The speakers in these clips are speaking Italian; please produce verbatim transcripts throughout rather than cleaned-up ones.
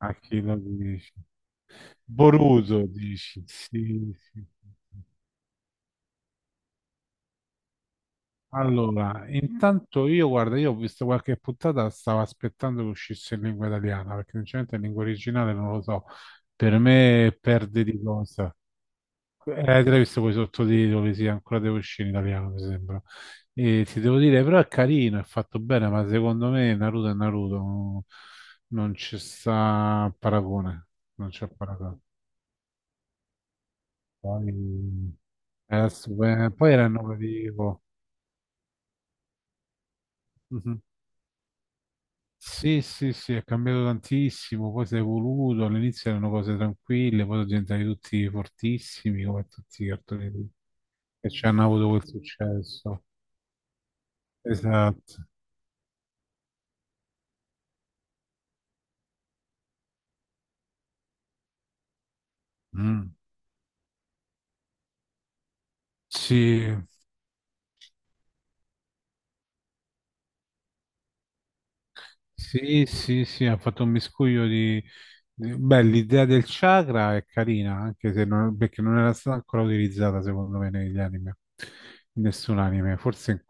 A chi lo dici? Boruto dici? Sì, sì. Allora, intanto io, guarda, io ho visto qualche puntata, stavo aspettando che uscisse in lingua italiana, perché sinceramente in lingua originale non lo so. Per me perde di cosa. Eh, te l'hai visto con i sottotitoli, sì, ancora devo uscire in italiano, mi sembra. E ti devo dire, però è carino, è fatto bene, ma secondo me Naruto è Naruto, non non ci sta paragone, non c'è paragone. Poi, eh, s- eh, poi era il nove vivo. Mhm. Sì, sì, sì, è cambiato tantissimo, poi si è evoluto, all'inizio erano cose tranquille, poi sono diventati tutti fortissimi, come tutti i cartoni che ci hanno avuto quel successo. Esatto. Mm. Sì, sì, sì, sì, ha fatto un miscuglio di. di- Beh, l'idea del chakra è carina, anche se non, perché non era stata ancora utilizzata, secondo me, negli anime, in nessun anime, forse in.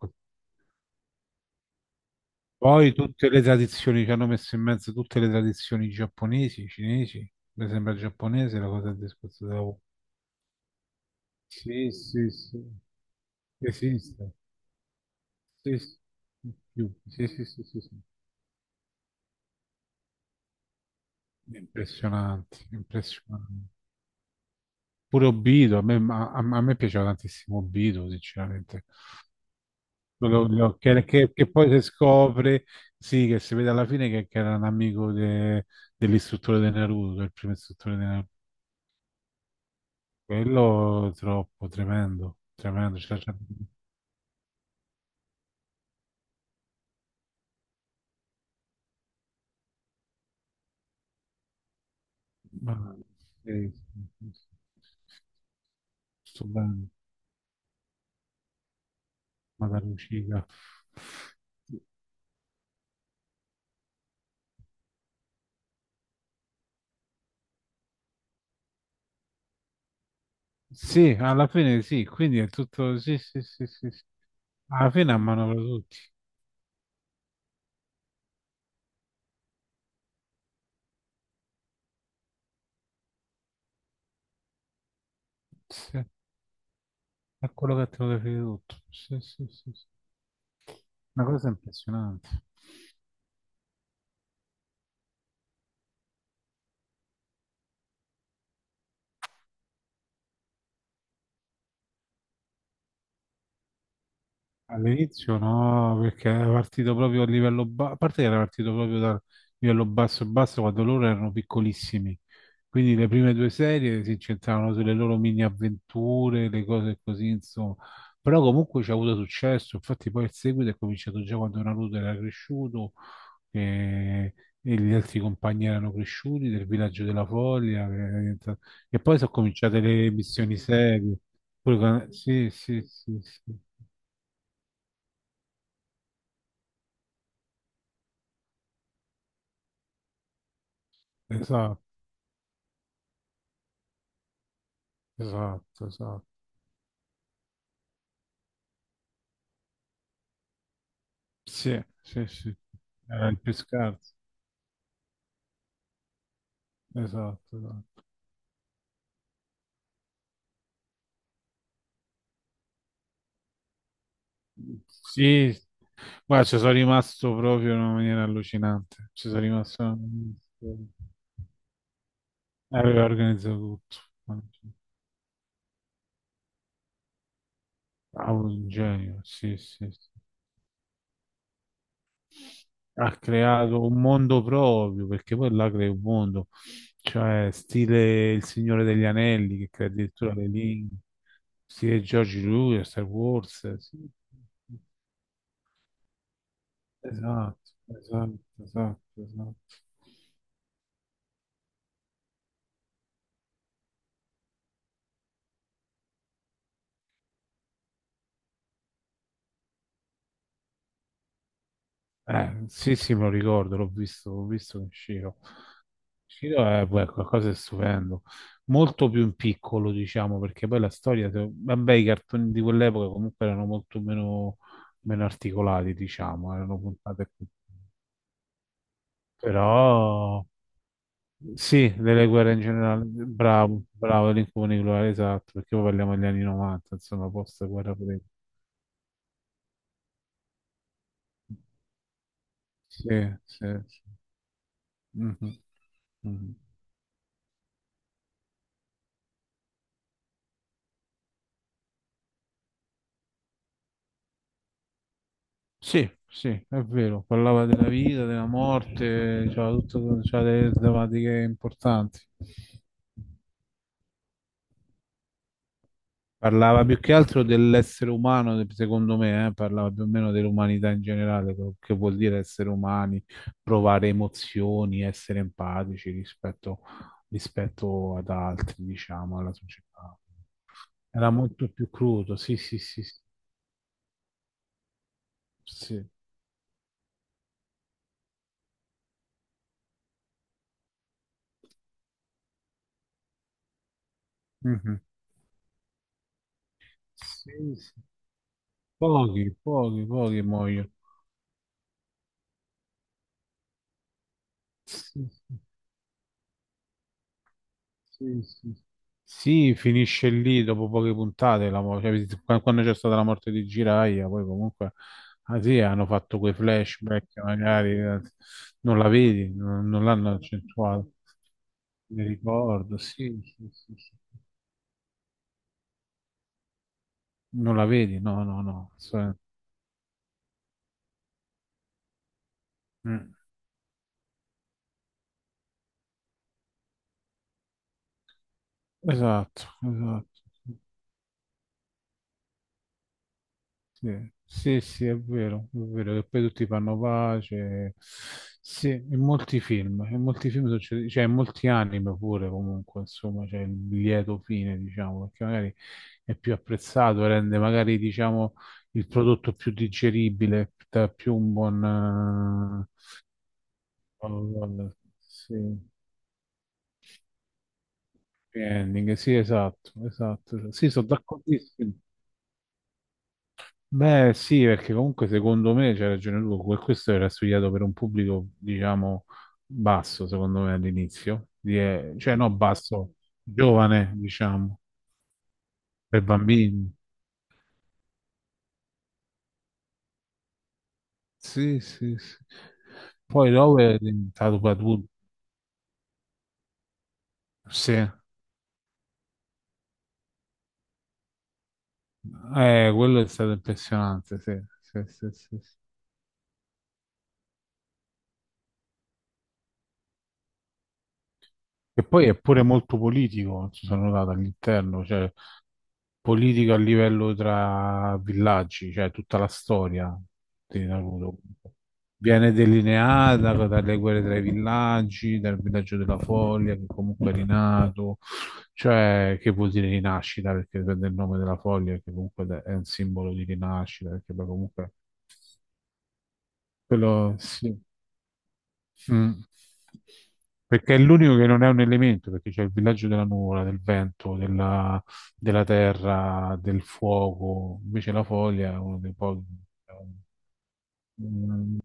Poi tutte le tradizioni ci hanno messo in mezzo tutte le tradizioni giapponesi, cinesi, mi sembra giapponese la cosa del discorso della U. Sì, sì, sì, esiste. Sì, sì, di più. Sì, sì, sì, sì, sì. Impressionante, impressionante. Pure Obito, a, me, a, a me piaceva tantissimo Obito, sinceramente. Quello- lo- che, che- che poi si scopre, sì, che si vede alla fine che, che era un amico de- dell'istruttore di Naruto, del primo istruttore di Naruto. Quello è troppo tremendo, tremendo. Cioè, cioè, ma, eh, sto bene, ma da Lucia. Sì, alla fine sì, quindi è tutto, sì, sì, sì, sì, sì. Alla fine a mano tutti. Sì, è quello che te lo definito tutto. Sì, sì, sì, sì. Una cosa impressionante. All'inizio no, perché era partito proprio a livello basso, a parte che era partito proprio da livello basso e basso quando loro erano piccolissimi, quindi le prime due serie si incentravano sulle loro mini avventure, le cose così, insomma, però comunque ci ha avuto successo, infatti poi il seguito è cominciato già quando Naruto era cresciuto e, e gli altri compagni erano cresciuti del villaggio della Foglia, che era diventato, e poi sono cominciate le missioni serie. Pure con- sì, sì, sì, sì. Esatto. Esatto, esatto. Sì, sì, sì, era il più scarso. Esatto, esatto. Sì, guarda, ci sono rimasto proprio in una maniera allucinante. Ci sono rimasto in una maniera. Aveva organizzato tutto. Bravo, un genio, sì, sì, sì. Ha creato un mondo proprio, perché poi là crea un mondo. Cioè, stile Il Signore degli Anelli, che crea addirittura le lingue. Stile George Lucas, Star Wars. Sì. Esatto, esatto, esatto, esatto. Eh, sì, sì, me lo ricordo, l'ho visto, l'ho visto in Shiro. Shiro è, beh, qualcosa di stupendo, molto più in piccolo, diciamo, perché poi la storia, se- vabbè, i cartoni di quell'epoca comunque erano molto meno, meno articolati, diciamo, erano puntate più. Però, sì, delle guerre in generale, bravo, bravo, l'incubo nucleare, esatto, perché poi parliamo degli anni novanta, insomma, post guerra fredda. Sì, sì, sì. Mhm, mhm. Sì, sì, è vero, parlava della vita, della morte, c'era tutto, c'era delle tematiche importanti. Parlava più che altro dell'essere umano, de- secondo me, eh, parlava più o meno dell'umanità in generale, quello che vuol dire essere umani, provare emozioni, essere empatici rispetto, rispetto ad altri, diciamo, alla società. Era molto più crudo, sì, sì, sì, sì. Sì. Mhm. Sì, sì. Pochi, pochi, pochi muoiono. Sì, sì, sì, sì. Sì, finisce lì dopo poche puntate, la mo- cioè, qua- quando c'è stata la morte di Jiraiya, poi comunque, ah sì, hanno fatto quei flashback, magari eh, non la vedi, non, non l'hanno accentuato. Mi ricordo, sì, sì, sì, sì. Non la vedi? No, no, no. Sì. Mm. Esatto, esatto. Sì. Sì, sì, sì, è vero, è vero che poi tutti fanno pace. Sì, in molti film, in molti film succede, cioè in molti anime pure comunque, insomma, c'è il lieto fine, diciamo, perché magari è più apprezzato, rende magari, diciamo, il prodotto più digeribile, dà più un buon. Eh, oh, vabbè, sì, happy ending, sì, esatto, esatto. Sì, sono d'accordissimo. Beh, sì, perché comunque secondo me c'è ragione tu, que- questo era studiato per un pubblico, diciamo, basso, secondo me all'inizio, di- eh, cioè no, basso, giovane, diciamo, per bambini. Sì, sì, sì. Poi dopo è diventato per adulti. Sì, eh, quello è stato impressionante, sì, sì, sì, sì, sì. E poi è pure molto politico, ci sono notato all'interno, cioè politico a livello tra villaggi, cioè tutta la storia di Naruto. Viene delineata dalle guerre tra i villaggi, dal villaggio della Foglia che comunque è rinato, cioè che vuol dire rinascita perché prende il nome della Foglia che comunque è un simbolo di rinascita perché poi comunque quello sì. Mm. Perché è l'unico che non è un elemento, perché c'è il villaggio della nuvola, del vento, della, della terra, del fuoco. Invece la foglia è uno dei pochi. Mm.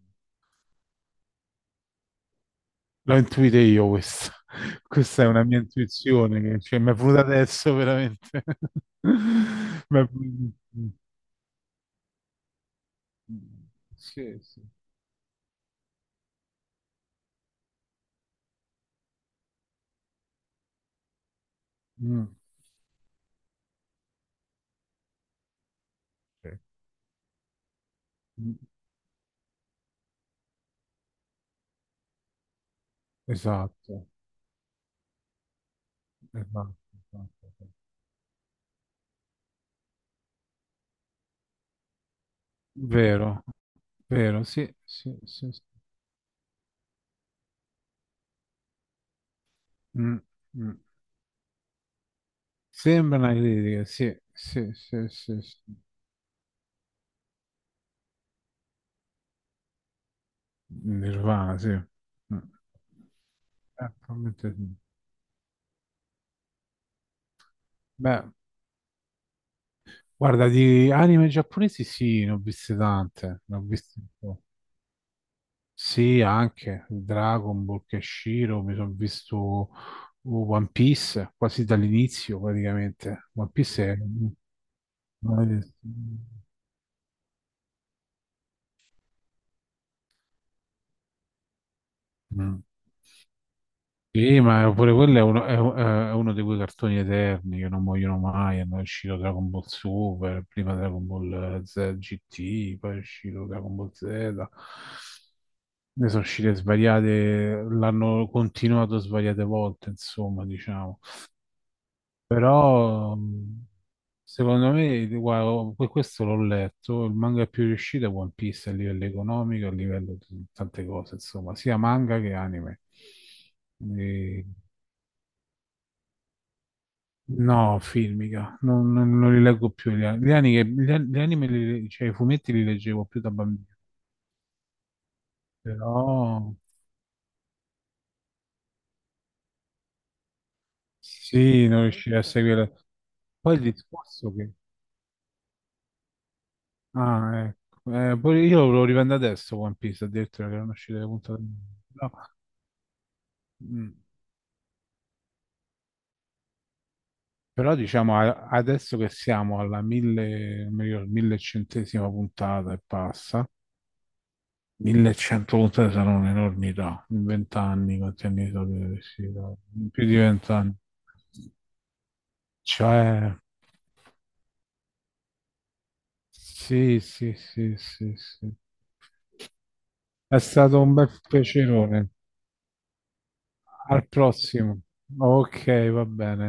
L'ho intuita io questa. Questa è una mia intuizione che, cioè, mi è venuta adesso veramente. Ma. Sì, sì. Mm. Sì. Mm. Esatto, esatto, esatto. Vero, vero, sì, sì, sì. Sì. Mm, mm. Sembra una critica, sì, sì, sì, sì, sì. Nirvana, sì. Mm. Eh, probabilmente sì. Beh, guarda, di anime giapponesi sì, ne ho viste tante, ne ho viste un po'. Sì, anche Dragon Ball, Kenshiro, mi sono visto One Piece quasi dall'inizio praticamente. One Piece è. Mm. Sì, ma pure quello è uno, è u- è uno di quei cartoni eterni che non muoiono mai. È uscito Dragon Ball Super, prima Dragon Ball Z G T, poi è uscito Dragon Ball Z. Ne sono uscite svariate, l'hanno continuato svariate volte, insomma, diciamo. Però, mh, secondo me, guarda, que- questo l'ho letto, il manga più riuscito è One Piece a livello economico, a livello di tante cose, insomma, sia manga che anime. No, filmica, non, non- non li leggo più gli, an- gli anime, gli an- gli anime li- cioè i fumetti li leggevo più da bambino, però sì, non riuscirei a seguire. Poi il discorso che. Ah, ecco, eh, poi io lo riprendo adesso One Piece, addirittura che erano uscite le puntate. No, mm, però diciamo a- adesso che siamo alla mille, non mi ricordo, millecentesima puntata e passa, millecentottantatré sarà un'enormità, in vent'anni, quanti anni sono che riuscirò? In più di vent'anni. Cioè, sì, sì, sì, sì, sì. È stato un bel piacerone. Al prossimo. Ok, va bene.